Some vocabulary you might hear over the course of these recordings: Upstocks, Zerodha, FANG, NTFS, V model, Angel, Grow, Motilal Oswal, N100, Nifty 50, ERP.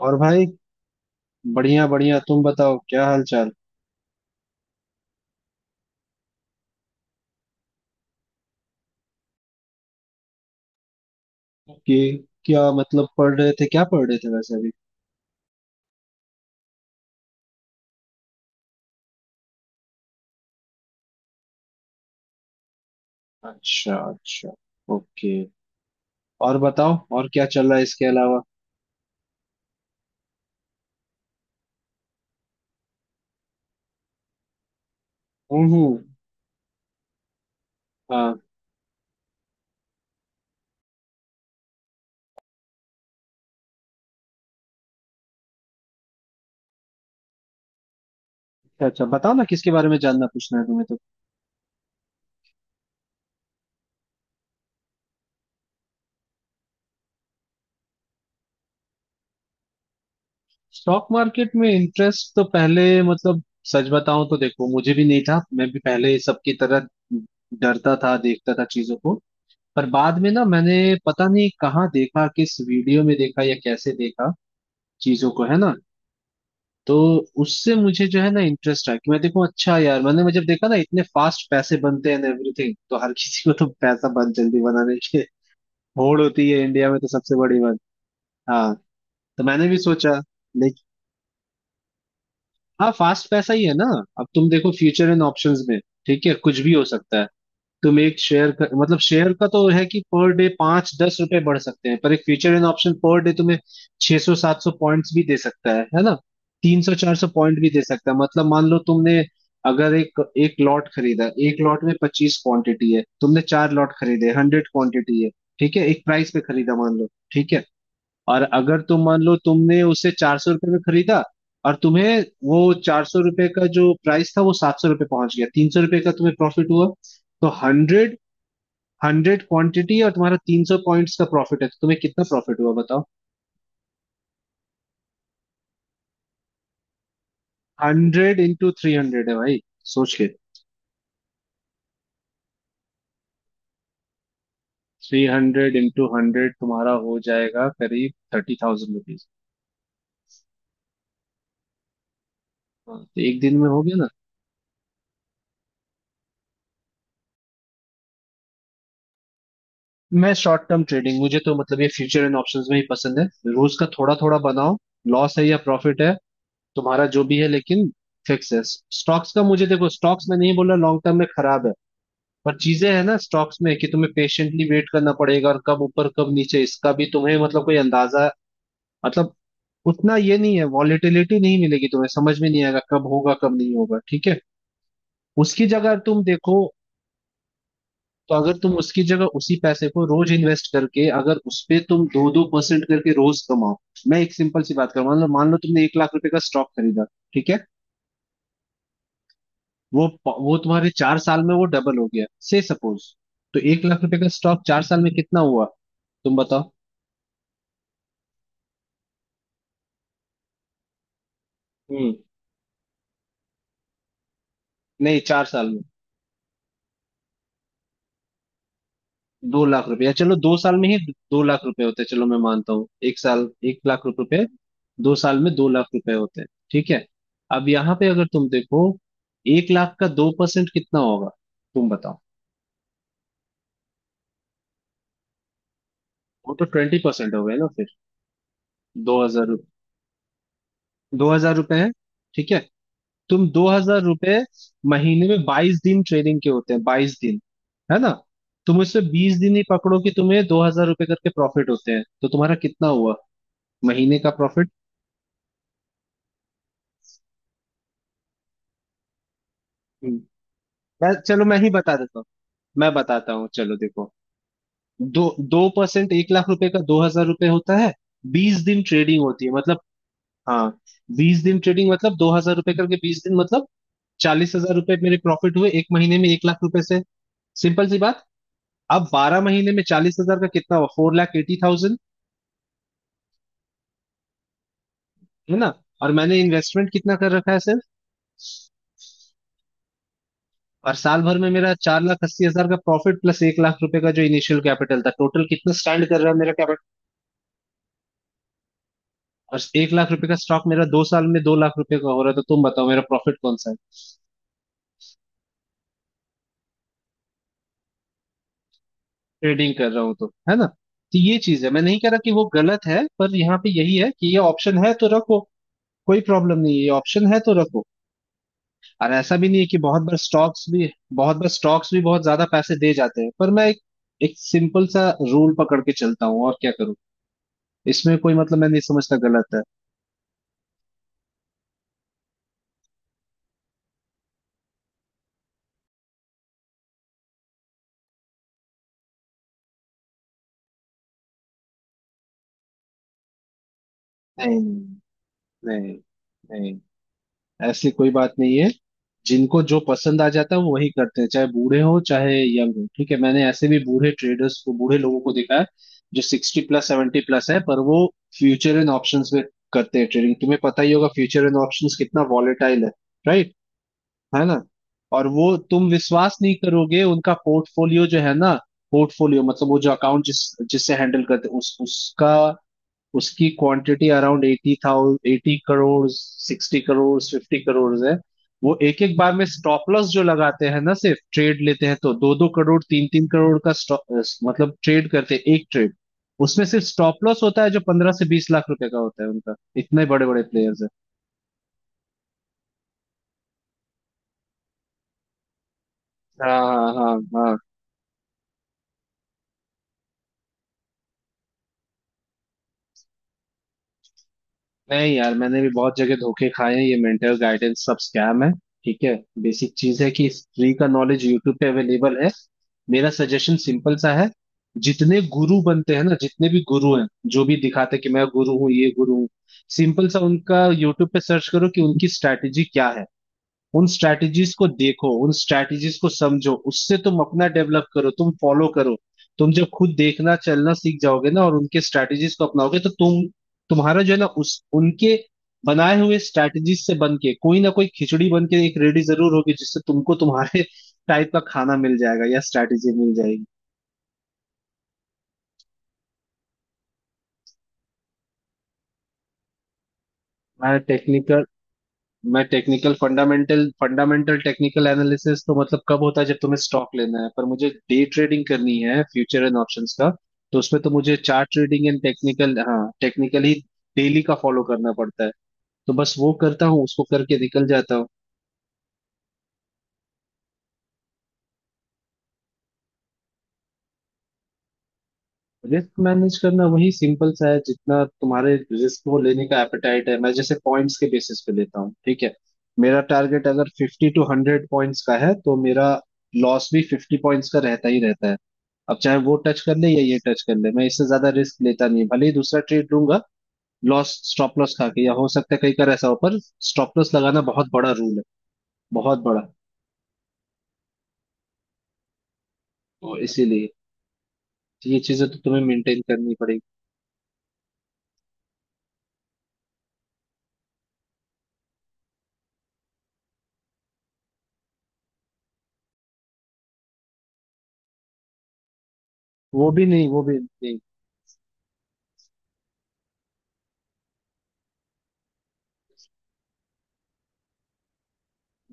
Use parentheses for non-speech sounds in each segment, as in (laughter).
और भाई, बढ़िया बढ़िया। तुम बताओ क्या हाल चाल। कि क्या, मतलब पढ़ रहे थे, क्या पढ़ रहे थे वैसे अभी? अच्छा अच्छा, ओके। और बताओ, और क्या चल रहा है इसके अलावा? हम्म। हाँ। अच्छा अच्छा, बताओ ना किसके बारे में जानना पूछना है तुम्हें तो। स्टॉक मार्केट में इंटरेस्ट तो पहले, मतलब सच बताऊं तो देखो, मुझे भी नहीं था। मैं भी पहले सबकी तरह डरता था, देखता था चीजों को। पर बाद में ना मैंने, पता नहीं कहाँ देखा, किस वीडियो में देखा या कैसे देखा चीजों को, है ना। तो उससे मुझे जो है ना इंटरेस्ट आया कि मैं देखूं, अच्छा यार, मैं जब देखा ना इतने फास्ट पैसे बनते हैं एवरीथिंग, तो हर किसी को तो पैसा बहुत जल्दी बनाने की होड़ होती है इंडिया में, तो सबसे बड़ी बात। हाँ, तो मैंने भी सोचा, लेकिन हाँ फास्ट पैसा ही है ना। अब तुम देखो फ्यूचर एंड ऑप्शंस में, ठीक है, कुछ भी हो सकता है। तुम एक शेयर का, मतलब शेयर का तो है कि पर डे पांच दस रुपए बढ़ सकते हैं, पर एक future and option per day तुम्हें छह सौ सात सौ पॉइंट्स भी दे सकता है ना। तीन सौ चार सौ पॉइंट भी दे सकता है। मतलब मान लो तुमने, अगर एक एक लॉट खरीदा, एक लॉट में 25 क्वांटिटी है, तुमने चार लॉट खरीदे, हंड्रेड क्वांटिटी है। ठीक है, एक प्राइस पे खरीदा मान लो, ठीक है। और अगर तुम मान लो तुमने उसे चार सौ रुपये में खरीदा, और तुम्हें वो चार सौ रुपये का जो प्राइस था, वो सात सौ रुपये पहुंच गया, तीन सौ रुपये का तुम्हें प्रॉफिट हुआ। तो हंड्रेड हंड्रेड क्वांटिटी, और तुम्हारा तीन सौ पॉइंट्स का प्रॉफिट है, तो तुम्हें कितना प्रॉफिट हुआ बताओ? हंड्रेड इंटू थ्री हंड्रेड है भाई, सोच के। थ्री हंड्रेड इंटू हंड्रेड, तुम्हारा हो जाएगा करीब थर्टी थाउजेंड रुपीज। हाँ, तो एक दिन में हो गया ना। मैं शॉर्ट टर्म ट्रेडिंग, मुझे तो मतलब ये फ्यूचर एंड ऑप्शंस में ही पसंद है। रोज का थोड़ा थोड़ा बनाओ। लॉस है या प्रॉफिट है तुम्हारा, जो भी है लेकिन फिक्स है। स्टॉक्स का, मुझे देखो, स्टॉक्स में नहीं बोल रहा लॉन्ग टर्म में खराब है। पर चीजें है ना स्टॉक्स में कि तुम्हें पेशेंटली वेट करना पड़ेगा, और कब ऊपर कब नीचे इसका भी तुम्हें मतलब कोई अंदाजा, मतलब उतना ये नहीं है, वॉलेटिलिटी नहीं मिलेगी तुम्हें, समझ में नहीं आएगा कब होगा कब नहीं होगा। ठीक है, उसकी जगह तुम देखो, तो अगर तुम उसकी जगह उसी पैसे को रोज इन्वेस्ट करके अगर उस पे तुम दो दो परसेंट करके रोज कमाओ। मैं एक सिंपल सी बात करूँ, मान लो तुमने एक लाख रुपए का स्टॉक खरीदा, ठीक है। वो तुम्हारे 4 साल में वो डबल हो गया से सपोज। तो एक लाख रुपए का स्टॉक 4 साल में कितना हुआ, तुम बताओ? हम्म। नहीं, 4 साल में। दो लाख रुपया, चलो 2 साल में ही दो लाख रुपए होते हैं। चलो मैं मानता हूँ, 1 साल एक लाख रुपए, 2 साल में दो लाख रुपए होते हैं, ठीक है। अब यहाँ पे अगर तुम देखो, एक लाख का 2% कितना होगा तुम बताओ? वो तो 20% हो गए ना फिर। 2,000। 2,000 रुपए है, ठीक है। तुम 2,000 रुपये, महीने में 22 दिन ट्रेनिंग के होते हैं, 22 दिन, है ना। तुम उससे 20 दिन ही पकड़ो कि तुम्हें 2,000 रुपये करके प्रॉफिट होते हैं, तो तुम्हारा कितना हुआ महीने का प्रॉफिट? मैं, चलो मैं ही बता देता हूँ। मैं बताता हूँ, चलो देखो। दो दो परसेंट एक लाख रुपए का 2,000 रुपये होता है। बीस दिन ट्रेडिंग होती है मतलब, हाँ, 20 दिन ट्रेडिंग मतलब 2,000 रुपये करके 20 दिन मतलब 40,000 रुपये मेरे प्रॉफिट हुए एक महीने में एक लाख रुपए से, सिंपल सी बात। अब 12 महीने में 40,000 का कितना हुआ? 4,80,000, है ना। और मैंने इन्वेस्टमेंट कितना कर रखा है सिर्फ? और साल भर में मेरा 4,80,000 का प्रॉफिट प्लस एक लाख रुपए का जो इनिशियल कैपिटल था, टोटल कितना स्टैंड कर रहा है मेरा कैपिटल? और एक लाख रुपए का स्टॉक मेरा 2 साल में दो लाख रुपए का हो रहा है, तो तुम बताओ मेरा प्रॉफिट कौन सा है? ट्रेडिंग कर रहा हूँ तो, है ना। तो ये चीज है, मैं नहीं कह रहा कि वो गलत है, पर यहाँ पे यही है कि ये ऑप्शन है तो रखो, कोई प्रॉब्लम नहीं है, ये ऑप्शन है तो रखो। और ऐसा भी नहीं है कि बहुत बार स्टॉक्स भी बहुत ज्यादा पैसे दे जाते हैं, पर मैं एक एक सिंपल सा रूल पकड़ के चलता हूँ और क्या करूँ। इसमें कोई, मतलब मैं नहीं समझता गलत है। नहीं नहीं नहीं, ऐसी कोई बात नहीं है। जिनको जो पसंद आ जाता है वो वही करते हैं, चाहे बूढ़े हो चाहे यंग हो। ठीक है, मैंने ऐसे भी बूढ़े ट्रेडर्स को, बूढ़े लोगों को देखा है जो 60+ 70+ है, पर वो फ्यूचर एंड ऑप्शंस में करते हैं ट्रेडिंग। तुम्हें पता ही होगा फ्यूचर एंड ऑप्शंस कितना वॉलेटाइल है। राइट, है ना। और वो तुम विश्वास नहीं करोगे, उनका पोर्टफोलियो जो है ना, पोर्टफोलियो मतलब वो जो अकाउंट जिस, जिससे हैंडल करते उस उसका, उसकी क्वांटिटी अराउंड 80,000, 80 करोड़, 60 करोड़, 50 करोड़ है। वो एक एक बार में स्टॉप लॉस जो लगाते हैं ना, सिर्फ ट्रेड लेते हैं तो दो दो करोड़ तीन तीन करोड़ का मतलब ट्रेड करते हैं, एक ट्रेड, उसमें सिर्फ स्टॉप लॉस होता है जो 15 से 20 लाख रुपए का होता है उनका। इतने बड़े बड़े प्लेयर्स हैं। हाँ हाँ हाँ। नहीं यार, मैंने भी बहुत जगह धोखे खाए हैं, ये मेंटल गाइडेंस सब स्कैम है, ठीक है। बेसिक चीज है कि इस फ्री का नॉलेज यूट्यूब पे अवेलेबल है। मेरा सजेशन सिंपल सा है, जितने गुरु बनते हैं ना, जितने भी गुरु हैं, जो भी दिखाते हैं कि मैं गुरु हूँ, ये गुरु हूँ, सिंपल सा उनका यूट्यूब पे सर्च करो कि उनकी स्ट्रैटेजी क्या है। उन स्ट्रैटेजीज को देखो, उन स्ट्रैटेजीज को समझो, उससे तुम अपना डेवलप करो, तुम फॉलो करो। तुम जब खुद देखना चलना सीख जाओगे ना और उनके स्ट्रैटेजीज को अपनाओगे तो तुम, तुम्हारा जो है ना उस उनके बनाए हुए स्ट्रैटेजीज से बन के कोई ना कोई खिचड़ी बन के एक रेडी जरूर होगी, जिससे तुमको तुम्हारे (laughs) टाइप का खाना मिल जाएगा या स्ट्रैटेजी मिल जाएगी। मैं टेक्निकल मैं टेक्निकल फंडामेंटल, टेक्निकल एनालिसिस तो मतलब कब होता है जब तुम्हें स्टॉक लेना है, पर मुझे डे ट्रेडिंग करनी है फ्यूचर एंड ऑप्शंस का, तो उसमें तो मुझे चार्ट ट्रेडिंग एंड टेक्निकल, हाँ टेक्निकल ही डेली का फॉलो करना पड़ता है। तो बस वो करता हूँ, उसको करके निकल जाता हूँ। रिस्क मैनेज करना वही सिंपल सा है, जितना तुम्हारे रिस्क को लेने का एपेटाइट है। मैं जैसे पॉइंट्स के बेसिस पे लेता हूँ, ठीक है। मेरा टारगेट अगर 50 से 100 पॉइंट्स का है, तो मेरा लॉस भी 50 पॉइंट्स का रहता ही रहता है। अब चाहे वो टच कर ले या ये टच कर ले, मैं इससे ज्यादा रिस्क लेता नहीं, भले ही दूसरा ट्रेड लूंगा लॉस स्टॉप लॉस खा के, या हो सकता है कई बार ऐसा हो, पर स्टॉप लॉस लगाना बहुत बड़ा रूल है, बहुत बड़ा। तो इसीलिए ये चीजें तो तुम्हें मेंटेन करनी पड़ेगी। वो भी नहीं, वो भी नहीं।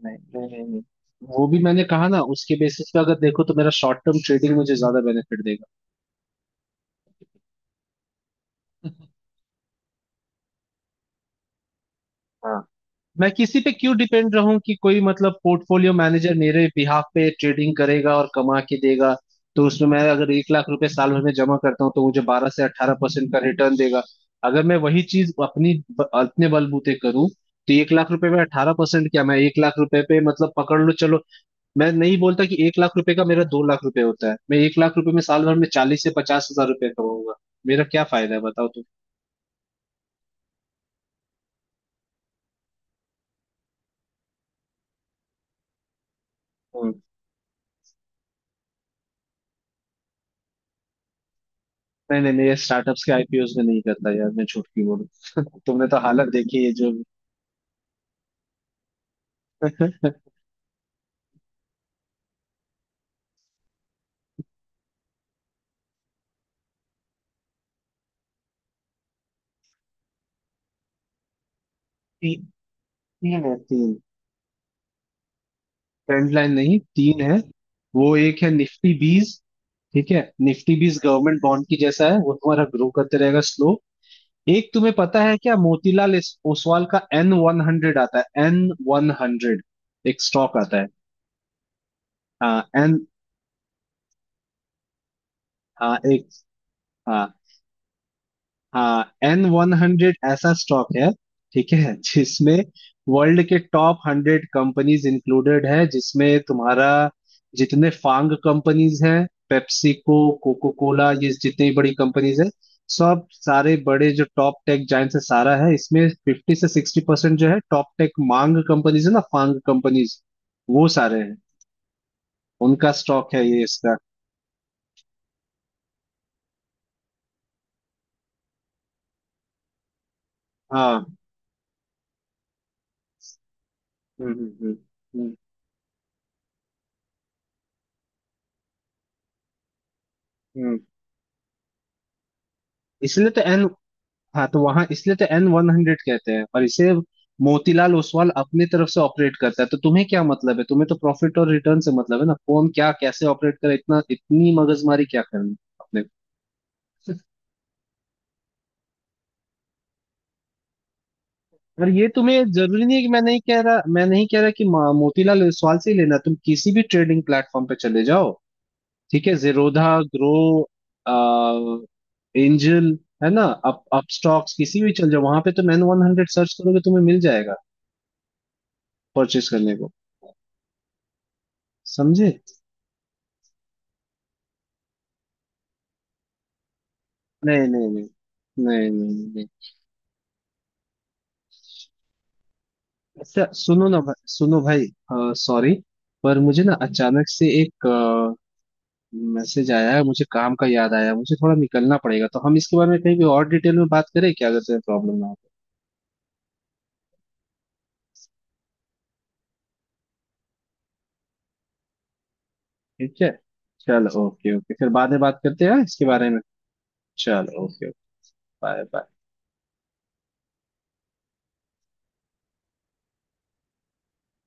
नहीं नहीं नहीं नहीं। वो भी मैंने कहा ना उसके बेसिस पे, अगर देखो तो मेरा शॉर्ट टर्म ट्रेडिंग मुझे ज्यादा बेनिफिट देगा। हाँ, मैं किसी पे क्यों डिपेंड रहूं कि कोई मतलब पोर्टफोलियो मैनेजर मेरे बिहाफ पे ट्रेडिंग करेगा और कमा के देगा। तो उसमें मैं अगर एक लाख रुपए साल भर में जमा करता हूँ, तो मुझे 12 से 18% का रिटर्न देगा। अगर मैं वही चीज अपनी अपने बलबूते करूँ, तो एक लाख रुपए में 18% क्या, मैं एक लाख रुपए पे मतलब पकड़ लो चलो, मैं नहीं बोलता कि एक लाख रुपए का मेरा दो लाख रुपए होता है, मैं एक लाख रुपए में साल भर में 40,000 से 50,000 रुपए कमाऊंगा। मेरा क्या फायदा है बताओ तुम? हम्म। नहीं नहीं, मैं ये स्टार्टअप्स के आईपीओस में नहीं करता यार, मैं झूठ क्यों बोलूं। (laughs) तुमने तो हालत देखी है जो। (laughs) ती, तीन है, तीन। ट्रेंड लाइन नहीं तीन है। वो एक है निफ्टी 20, ठीक है। निफ्टी बीस गवर्नमेंट बॉन्ड की जैसा है, वो तुम्हारा ग्रो करते रहेगा स्लो। एक तुम्हें पता है क्या, ओसवाल का N100 आता है, N100, एक स्टॉक आता है। एन एक एन वन हंड्रेड ऐसा स्टॉक है, ठीक है, जिसमें वर्ल्ड के टॉप 100 कंपनीज इंक्लूडेड है, जिसमें तुम्हारा जितने फांग कंपनीज हैं, पेप्सिको, कोको कोला, ये जितनी बड़ी कंपनीज है, सब सारे बड़े जो टॉप टेक जायंट्स है सारा है इसमें। 50 से 60% जो है टॉप टेक मांग कंपनीज है ना, फांग कंपनीज, वो सारे हैं। उनका स्टॉक है ये इसका। हाँ। हम्म हम्म हम्म हम्म, हम्म। इसलिए तो एन हाँ, तो वहां इसलिए तो N100 कहते हैं, और इसे मोतीलाल ओसवाल अपनी तरफ से ऑपरेट करता है, तो तुम्हें क्या मतलब है, तुम्हें तो प्रॉफिट और रिटर्न से मतलब है ना, कौन क्या कैसे ऑपरेट करे, इतना इतनी मगजमारी क्या करनी अपने। और ये तुम्हें जरूरी नहीं है कि, मैं नहीं कह रहा कि मोतीलाल ओसवाल से ही लेना, तुम किसी भी ट्रेडिंग प्लेटफॉर्म पे चले जाओ, ठीक है, जीरोधा, ग्रो, एंजल, है ना, अप अपस्टॉक्स, किसी भी चल जाओ, वहां पे तुम N100 सर्च करोगे तुम्हें मिल जाएगा परचेस करने को। समझे? नहीं नहीं नहीं नहीं नहीं नहीं। अच्छा सुनो ना भाई, सुनो भाई, सॉरी, पर मुझे ना अचानक से एक मैसेज आया है, मुझे काम का याद आया, मुझे थोड़ा निकलना पड़ेगा, तो हम इसके बारे में कहीं भी और डिटेल में बात करें क्या, अगर तुम्हें प्रॉब्लम ना हो तो। ठीक है, चलो ओके ओके, फिर बाद में बात करते हैं हाँ, इसके बारे में। चलो ओके, बाय बाय।